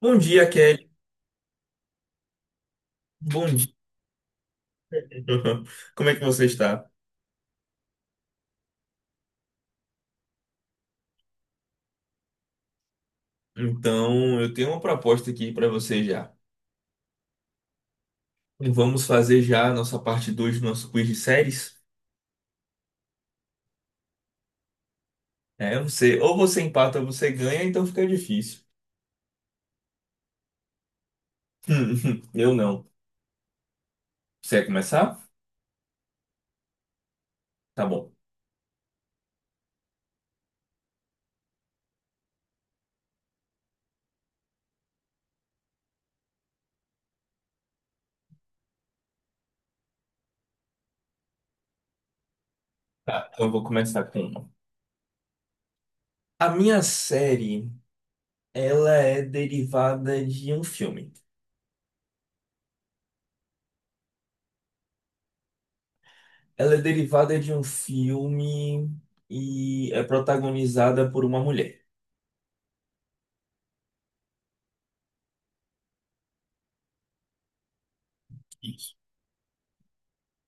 Bom dia, Kelly. Bom dia. Como é que você está? Então, eu tenho uma proposta aqui para você já. Vamos fazer já a nossa parte 2 do nosso quiz de séries? É, ou você empata ou você ganha, então fica difícil. Eu não. Você quer começar? Tá bom. Tá, então eu vou começar com uma. A minha série, ela é derivada de um filme. Ela é derivada de um filme e é protagonizada por uma mulher.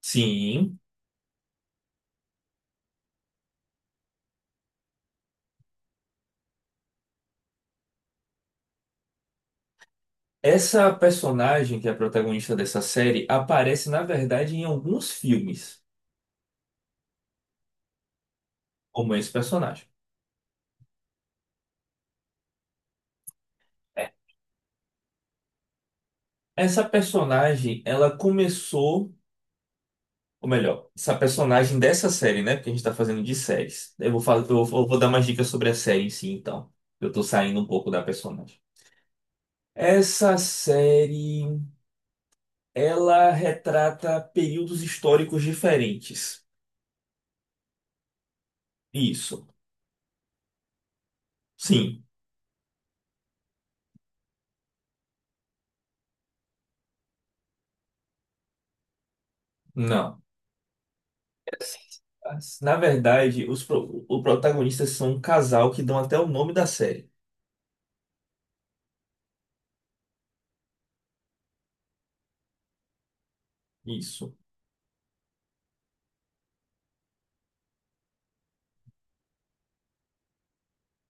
Sim. Essa personagem, que é a protagonista dessa série, aparece, na verdade, em alguns filmes, como esse personagem. É. Essa personagem, ela começou, ou melhor, essa personagem dessa série, né? Porque a gente tá fazendo de séries. Eu vou, fa- eu vou dar mais dicas sobre a série em si, então. Eu tô saindo um pouco da personagem. Essa série, ela retrata períodos históricos diferentes. Isso. Sim. Não. Na verdade, o protagonistas são um casal que dão até o nome da série. Isso.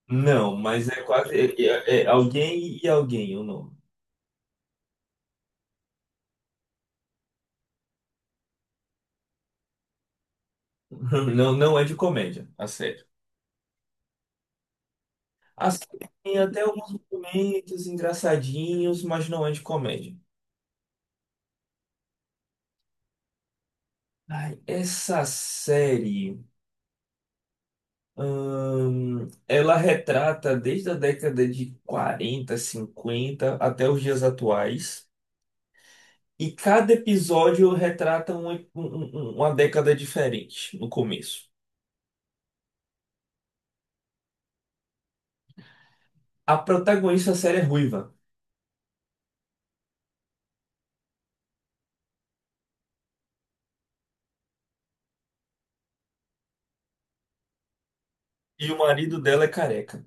Não, mas é alguém e alguém o nome. Não, não é de comédia, a série. A série tem até alguns momentos engraçadinhos, mas não é de comédia. Ai, essa série, ela retrata desde a década de 40, 50 até os dias atuais. E cada episódio retrata uma década diferente no começo. A protagonista da série é ruiva. E o marido dela é careca.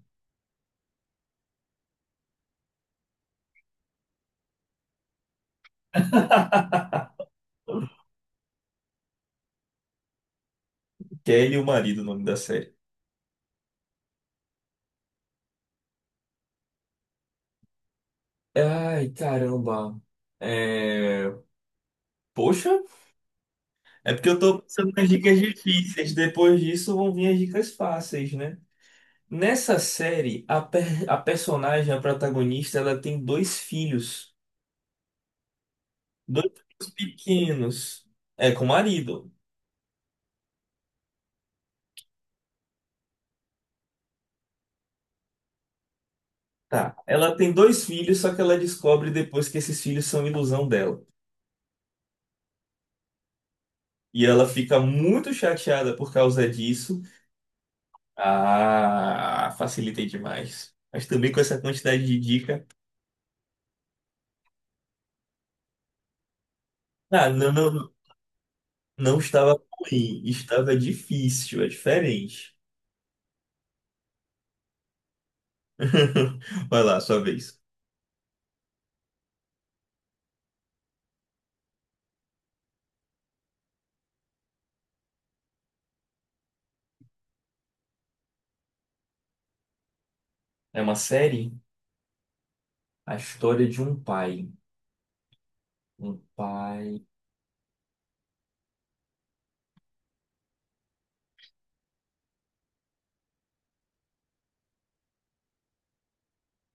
Kelly, o marido, o nome da série. Ai, caramba. É... Poxa, é porque eu tô pensando nas dicas difíceis. Depois disso vão vir as dicas fáceis, né? Nessa série, a personagem, a protagonista, ela tem dois filhos. Dois filhos pequenos. É, com o marido. Tá. Ela tem dois filhos, só que ela descobre depois que esses filhos são ilusão dela. E ela fica muito chateada por causa disso. Ah, facilitei demais. Mas também com essa quantidade de dica. Ah, não, não, não estava ruim, estava difícil, é diferente. Vai lá, sua vez. É uma série? A história de um pai. Um pai.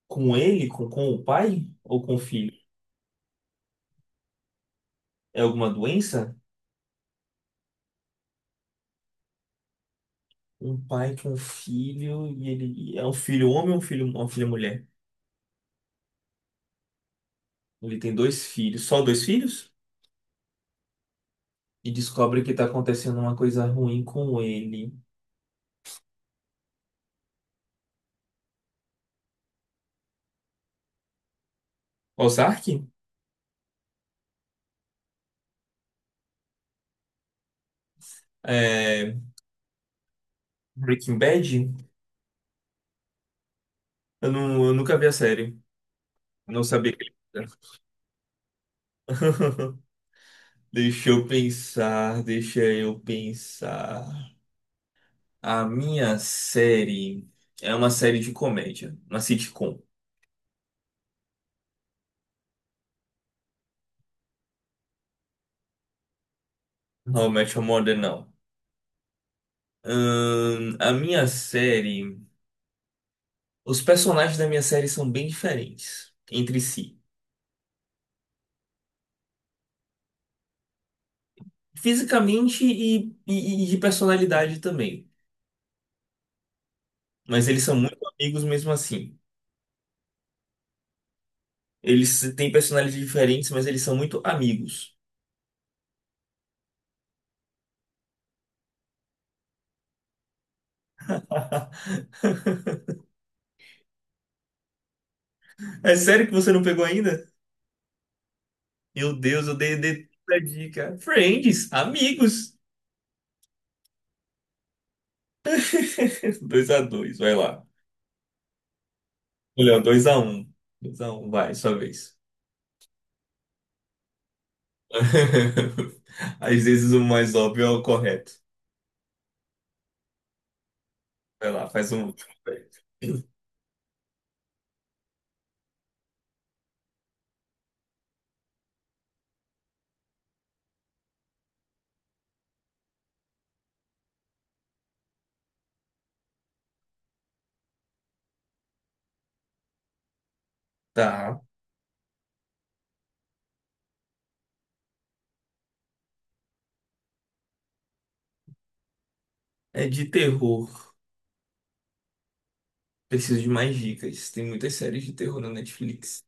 Com ele? Com o pai? Ou com o filho? É alguma doença? Um pai com um filho e ele é um filho homem ou uma filha mulher? Ele tem dois filhos, só dois filhos? E descobre que tá acontecendo uma coisa ruim com ele. Ozark? É, Breaking Bad? Não, eu nunca vi a série. Não sabia que ele... Deixa eu pensar, deixa eu pensar. A minha série é uma série de comédia, uma sitcom. How I Met Your Mother, não. A minha série. Os personagens da minha série são bem diferentes entre si, fisicamente e de personalidade também. Mas eles são muito amigos mesmo assim. Eles têm personalidades diferentes, mas eles são muito amigos. É sério que você não pegou ainda? Meu Deus, eu dei a dica. Friends, amigos. 2-2, vai lá. Melhor, 2-1, 2-1, vai, sua vez. Às vezes o mais óbvio é o correto. Vai lá, faz um. Tá. É de terror. Preciso de mais dicas. Tem muitas séries de terror na Netflix.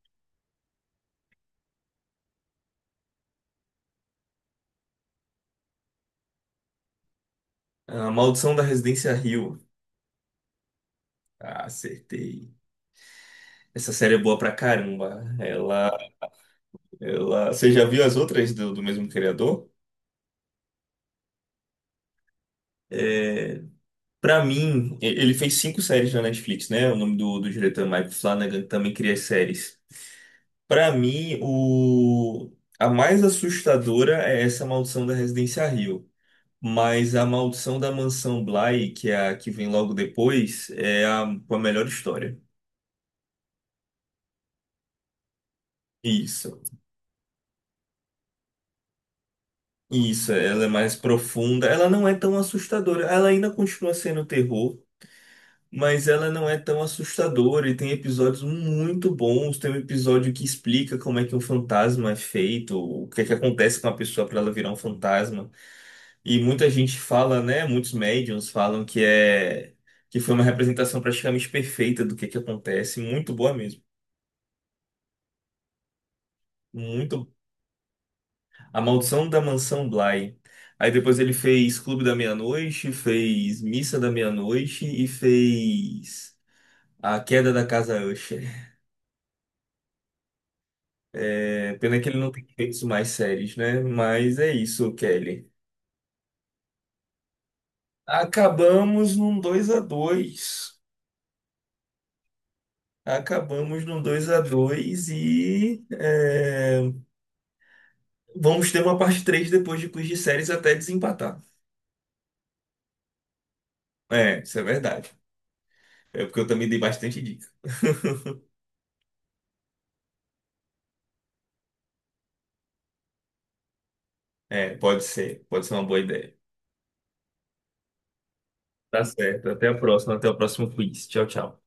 A Maldição da Residência Hill. Ah, acertei. Essa série é boa pra caramba. Você já viu as outras do mesmo criador? É... para mim, ele fez cinco séries na Netflix, né? O nome do diretor é Mike Flanagan, que também cria as séries. Pra mim, a mais assustadora é essa Maldição da Residência Hill. Mas a Maldição da Mansão Bly, que é a que vem logo depois, é a, com a melhor história. Isso, isso, ela é mais profunda. Ela não é tão assustadora. Ela ainda continua sendo terror, mas ela não é tão assustadora e tem episódios muito bons. Tem um episódio que explica como é que um fantasma é feito, o que é que acontece com a pessoa para ela virar um fantasma. E muita gente fala, né? Muitos médiums falam que é que foi uma representação praticamente perfeita do que é que acontece. Muito boa mesmo. Muito. A Maldição da Mansão Bly. Aí depois ele fez Clube da Meia-Noite, fez Missa da Meia-Noite e fez A Queda da Casa Usher. É, pena que ele não tem feito mais séries, né? Mas é isso, Kelly. Acabamos num 2 a 2 Acabamos num 2 a dois e vamos ter uma parte 3 depois de quiz de séries até desempatar. É, isso é verdade. É porque eu também dei bastante dica. É, pode ser. Pode ser uma boa ideia. Tá certo. Até a próxima. Até o próximo quiz. Tchau, tchau.